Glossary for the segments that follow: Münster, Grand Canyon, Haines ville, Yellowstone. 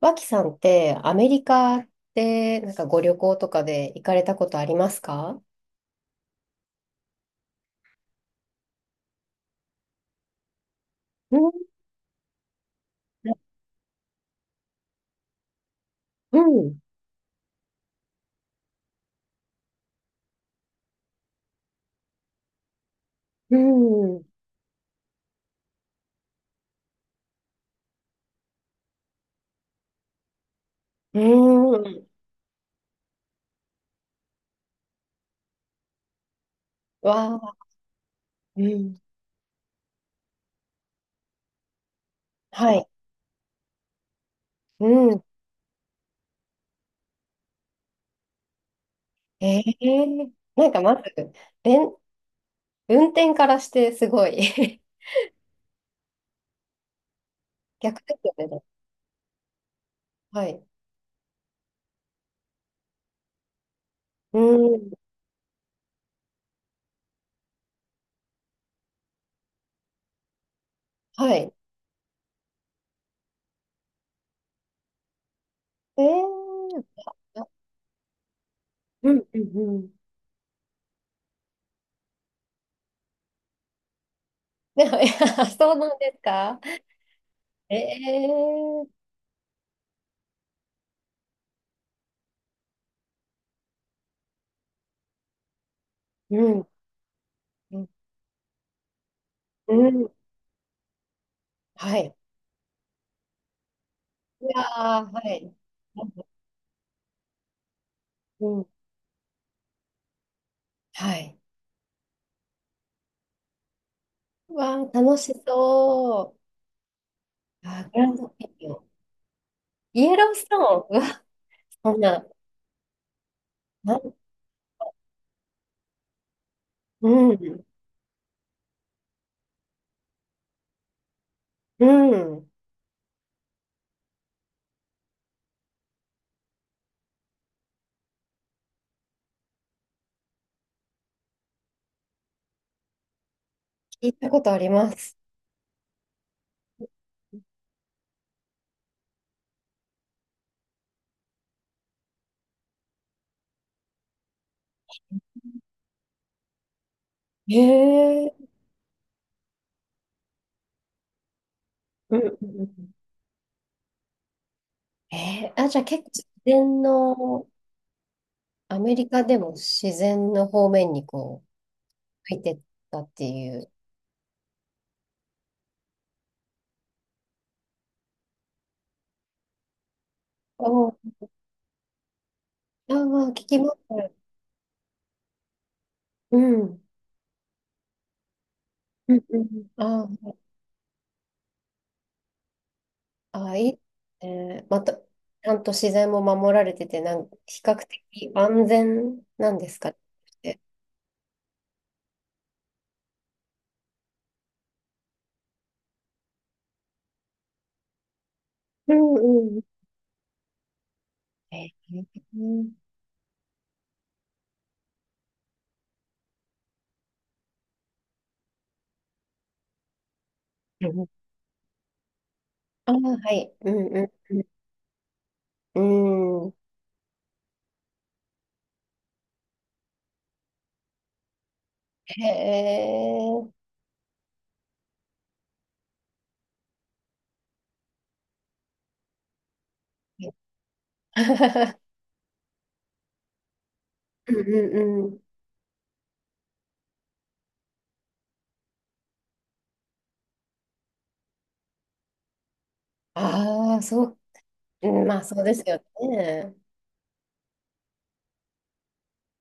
脇さんってアメリカってなんかご旅行とかで行かれたことありますか？うん。うん。うん。うん。わあ。うん。はい。うん。えー、なんかまずれん運転からしてすごい 逆ですよね。はい。うん。はい。えー、あ、うん。うん。うん。でもいや そうなんですか？えー、うん。うん。うん。はい。いやー、はい。うん、はい。うわー、楽しそう。あー、グランドキャニオン。イエローストーン。うわ、そんな、な、うん、うん。聞いたことあります。へえ。うん。うん。うん。えー、あ、じゃあ結構自然の、アメリカでも自然の方面にこう、入ってったっていう。お、あー、まあ聞きます。うん。うん。うん。うん。あー。あ、いいね。えーまた、ちゃんと自然も守られてて、比較的安全なんですかね？うん。うん。えー、うん。あー、はい。うん。うん。うん。へえ。うん。うん。うん。ああ、そう。うん、まあ、そうですよね。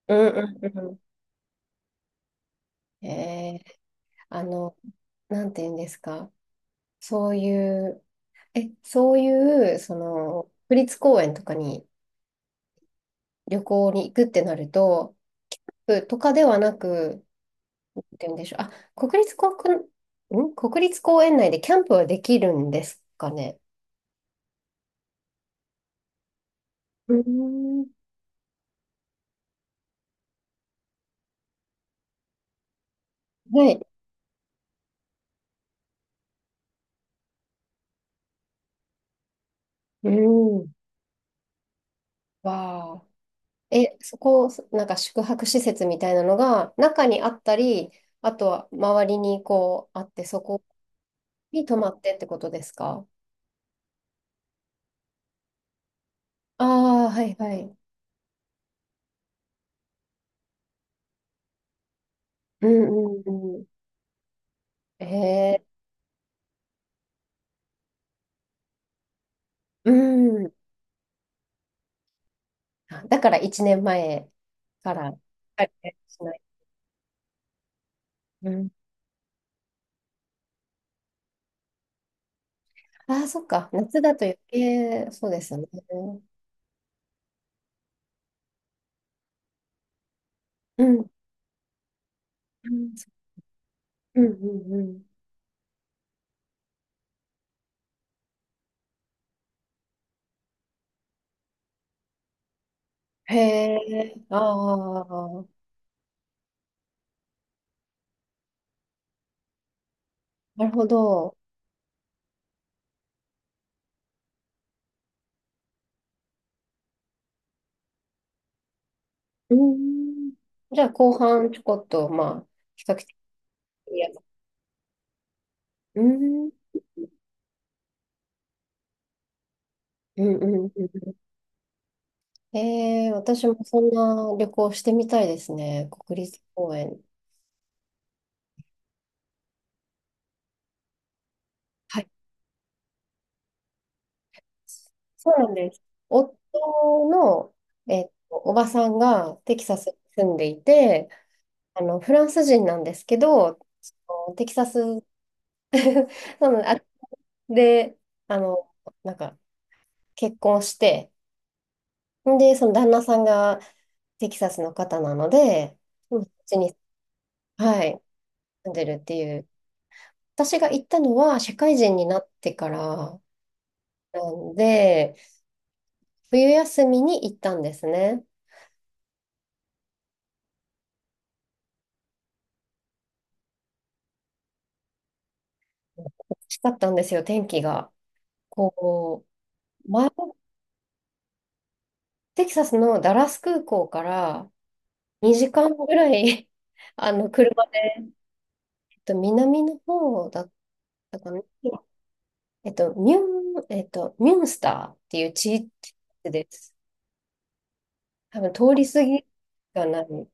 うん。うん。うん。えー、あの、なんて言うんですか。そういう、そういう、その、国立公園とかに、旅行に行くってなると、ふとかではなく、って言うんでしょう。あ、国立公園内でキャンプはできるんですかね？うーん。はい。うーん。わあ。え、そこ、なんか宿泊施設みたいなのが中にあったり、あとは周りにこうあって、そこに泊まってってことですか？ああー、はいはい。うん。うん。うん。えー、うん。あ、だから1年前から。はい。うん。ああ、そっか。夏だと余計、そうですね。うん。うん、うん、うん。へえ、ああ、なるほど。うん。じゃあ、後半ちょこっと、まあ、比較的いいやつ。うん。うん、うん、うん。へえ、私もそんな旅行してみたいですね。国立公園。はい。そうなんです。夫の、おばさんがテキサスに住んでいて、フランス人なんですけど、のテキサス、なので、あ、で、あの、なんか、結婚して、で、その旦那さんがテキサスの方なので、うん。こっちに、はい、住んでるっていう。私が行ったのは、社会人になってからなんで、冬休みに行ったんですね。美しかったんですよ、天気が。こう、前、テキサスのダラス空港から2時間ぐらい 車で、南の方だったかな。ミュンスターっていう地域です。多分通り過ぎがない。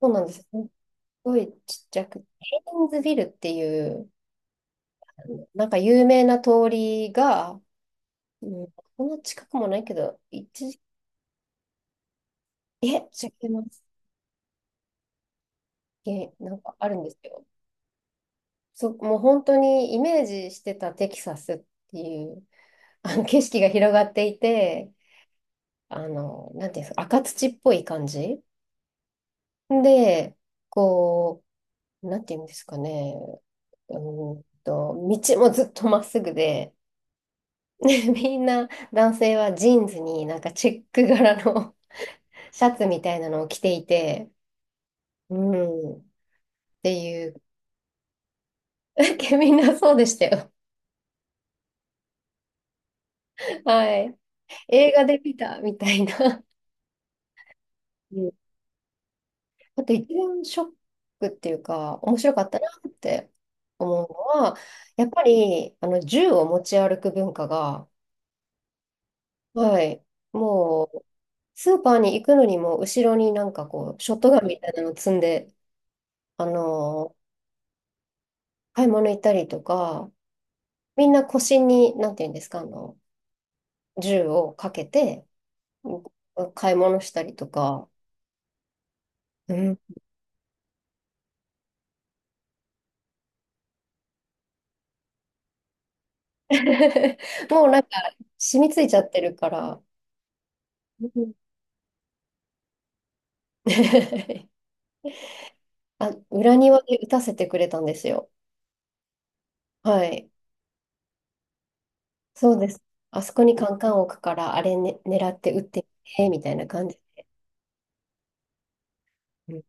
そうなんです。すっごいちっちゃく。ヘインズビルっていう、なんか有名な通りが、うん、こんな近くもないけど、一時、え、違います。え、なんかあるんですよ。そう、もう本当にイメージしてたテキサスっていう、あの景色が広がっていて、なんていうんですか、赤土っぽい感じ。で、こう、なんていうんですかね、う道もずっとまっすぐで、みんな男性はジーンズになんかチェック柄の シャツみたいなのを着ていて、うん、っていう、みんなそうでしたよ。はい。映画で見たみたいな。うん。あと一番ショックっていうか、面白かったなって思うのは、やっぱりあの銃を持ち歩く文化が、はい。もう、スーパーに行くのにも、後ろになんかこう、ショットガンみたいなの積んで、あのー買い物行ったりとか、みんな腰に、なんていうんですか、銃をかけて、うん。買い物したりとか、うん もうなんか、染みついちゃってるから、うん あ、裏庭で打たせてくれたんですよ。はい。そうです。あそこにカンカン置くから、あれ、ね、狙って打ってみて、みたいな感じ。うん、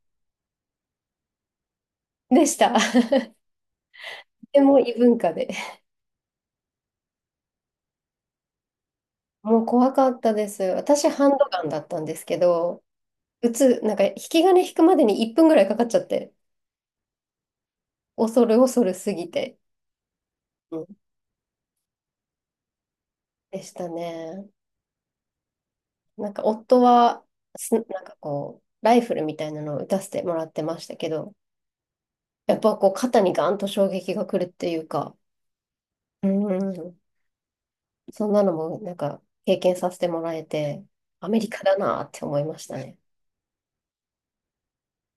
でした。ても異文化で。もう怖かったです。私、ハンドガンだったんですけど、撃つ、なんか、引き金引くまでに1分ぐらいかかっちゃって、恐る恐るすぎて、うん、でしたね。なんか、夫は、なんかこう、ライフルみたいなのを撃たせてもらってましたけど、やっぱこう、肩にガンと衝撃が来るっていうか、うん。そんなのも、なんか、経験させてもらえて、アメリカだなって思いましたね。